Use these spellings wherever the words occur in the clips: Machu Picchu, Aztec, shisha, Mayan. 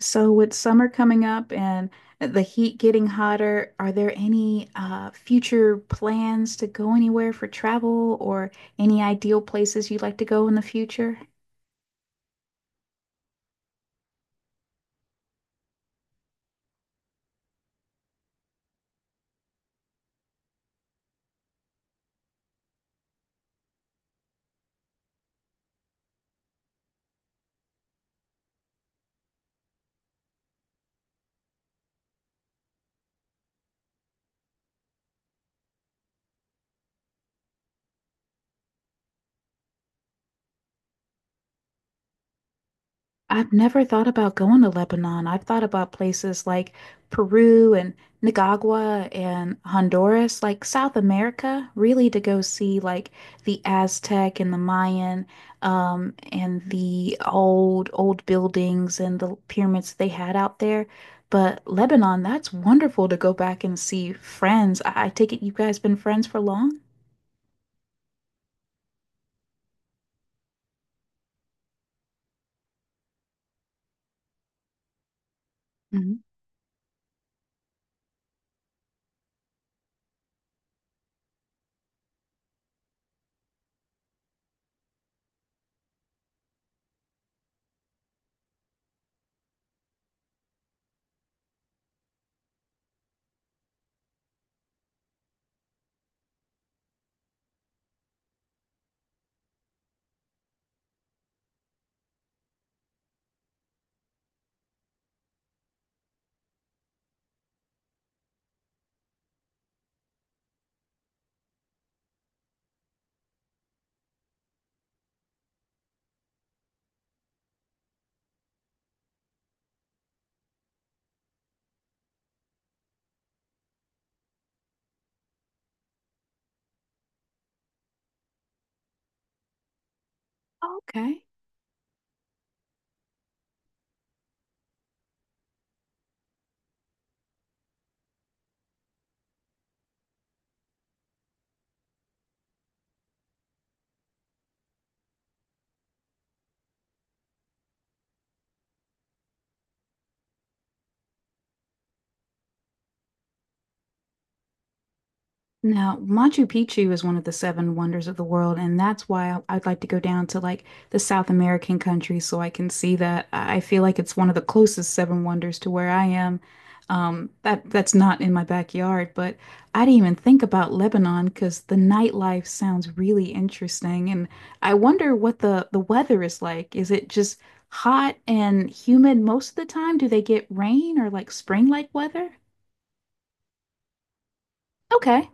So with summer coming up and the heat getting hotter, are there any future plans to go anywhere for travel or any ideal places you'd like to go in the future? I've never thought about going to Lebanon. I've thought about places like Peru and Nicaragua and Honduras, like South America, really to go see like the Aztec and the Mayan, and the old buildings and the pyramids they had out there. But Lebanon, that's wonderful to go back and see friends. I take it you guys been friends for long? Mhm. Okay. Now, Machu Picchu is one of the seven wonders of the world, and that's why I'd like to go down to like the South American countries so I can see that. I feel like it's one of the closest seven wonders to where I am. That's not in my backyard, but I didn't even think about Lebanon because the nightlife sounds really interesting, and I wonder what the weather is like. Is it just hot and humid most of the time? Do they get rain or like spring-like weather? Okay.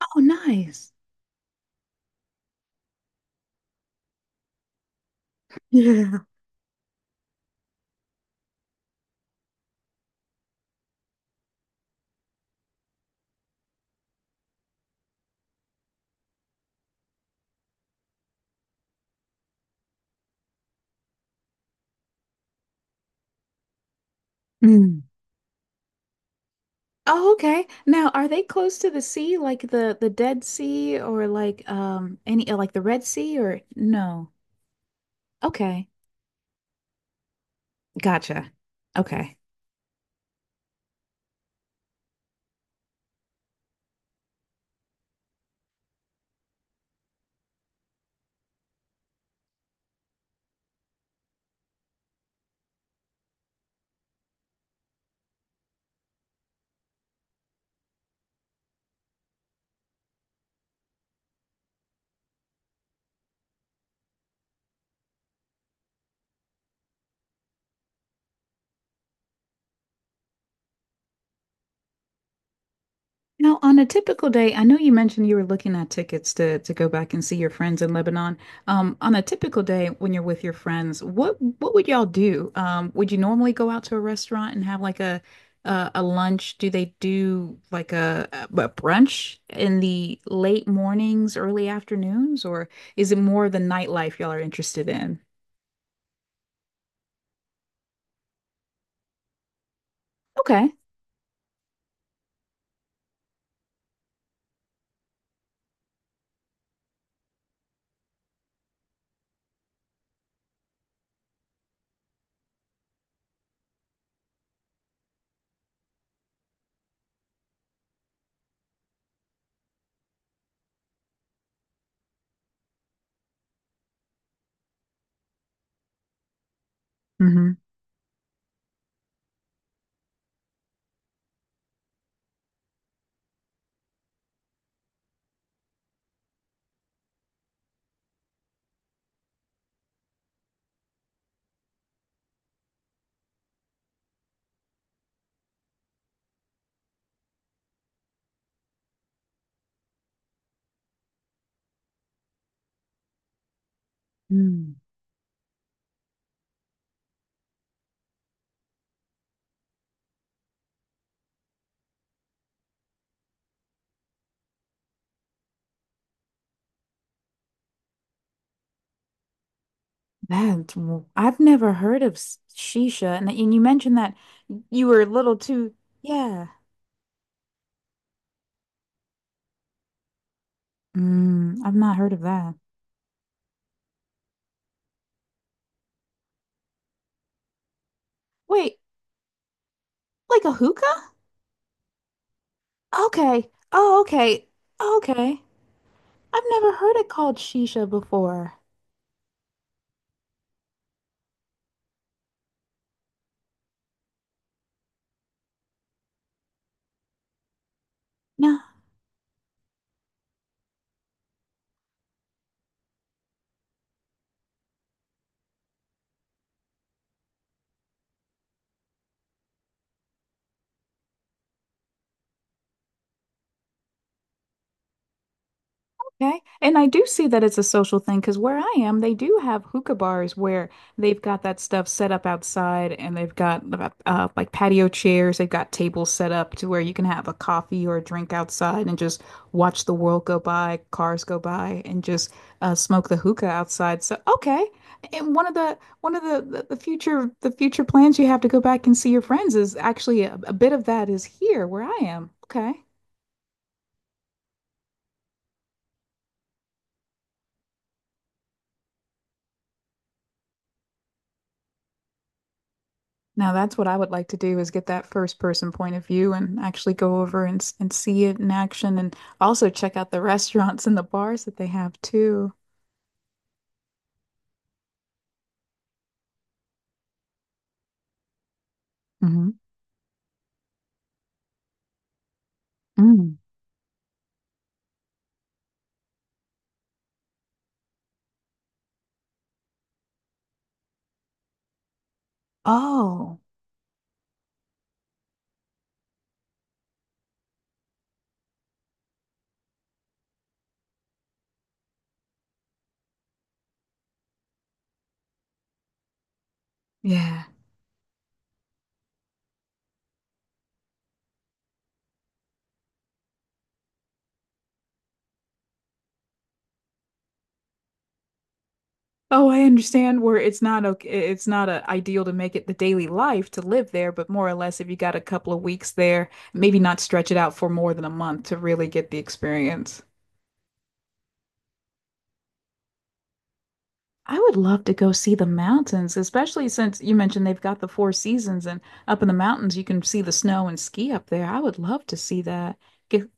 Oh, nice. Yeah. Oh, okay. Now, are they close to the sea, like the Dead Sea, or like any like the Red Sea, or no? Okay, gotcha. Okay. Now, on a typical day, I know you mentioned you were looking at tickets to go back and see your friends in Lebanon. On a typical day when you're with your friends, what would y'all do? Would you normally go out to a restaurant and have like a lunch? Do they do like a brunch in the late mornings, early afternoons, or is it more of the nightlife y'all are interested in? Okay. Mm-hmm. Mm. I've never heard of shisha. And you mentioned that you were a little too, yeah. Mm, I've not heard of that. Wait, like a hookah? Okay. Oh, okay. Okay. I've never heard it called shisha before. No. Okay. And I do see that it's a social thing because where I am, they do have hookah bars where they've got that stuff set up outside and they've got like patio chairs. They've got tables set up to where you can have a coffee or a drink outside and just watch the world go by, cars go by, and just smoke the hookah outside. So, okay. And one of the future plans you have to go back and see your friends is actually a bit of that is here where I am. Okay. Now that's what I would like to do is get that first person point of view and actually go over and see it in action and also check out the restaurants and the bars that they have too. Hmm Mm. Oh, yeah. Oh, I understand where it's not okay, it's not a ideal to make it the daily life to live there, but more or less if you got a couple of weeks there, maybe not stretch it out for more than a month to really get the experience. I would love to go see the mountains, especially since you mentioned they've got the four seasons and up in the mountains you can see the snow and ski up there. I would love to see that. Get-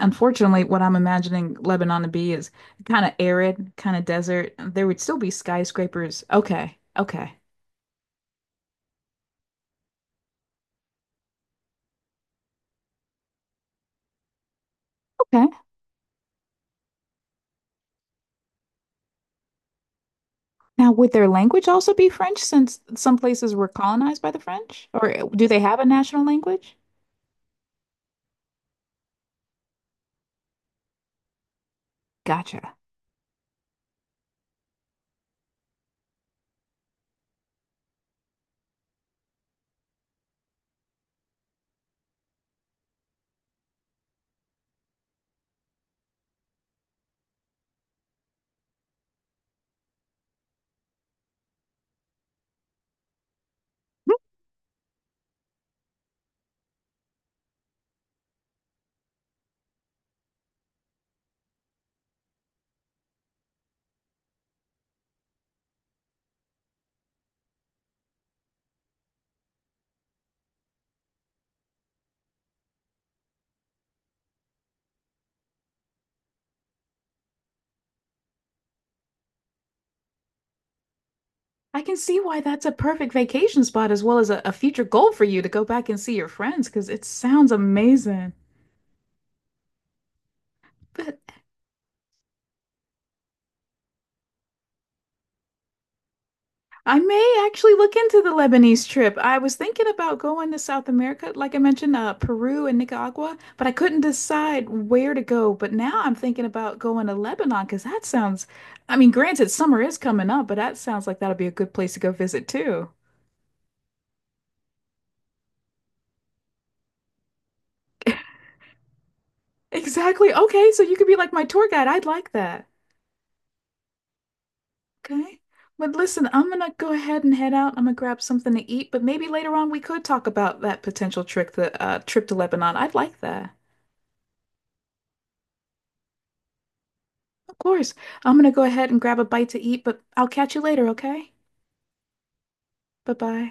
Unfortunately, what I'm imagining Lebanon to be is kind of arid, kind of desert. There would still be skyscrapers. Okay, okay, okay. Now, would their language also be French since some places were colonized by the French? Or do they have a national language? Gotcha. I can see why that's a perfect vacation spot as well as a future goal for you to go back and see your friends because it sounds amazing. But I may actually look into the Lebanese trip. I was thinking about going to South America, like I mentioned, Peru and Nicaragua, but I couldn't decide where to go. But now I'm thinking about going to Lebanon because that sounds, I mean, granted, summer is coming up, but that sounds like that'll be a good place to go visit too. Exactly. Okay, so you could be like my tour guide. I'd like that. Okay. But listen, I'm gonna go ahead and head out. I'm gonna grab something to eat, but maybe later on we could talk about that potential trick, the trip to Lebanon. I'd like that. Of course. I'm gonna go ahead and grab a bite to eat, but I'll catch you later, okay? Bye-bye.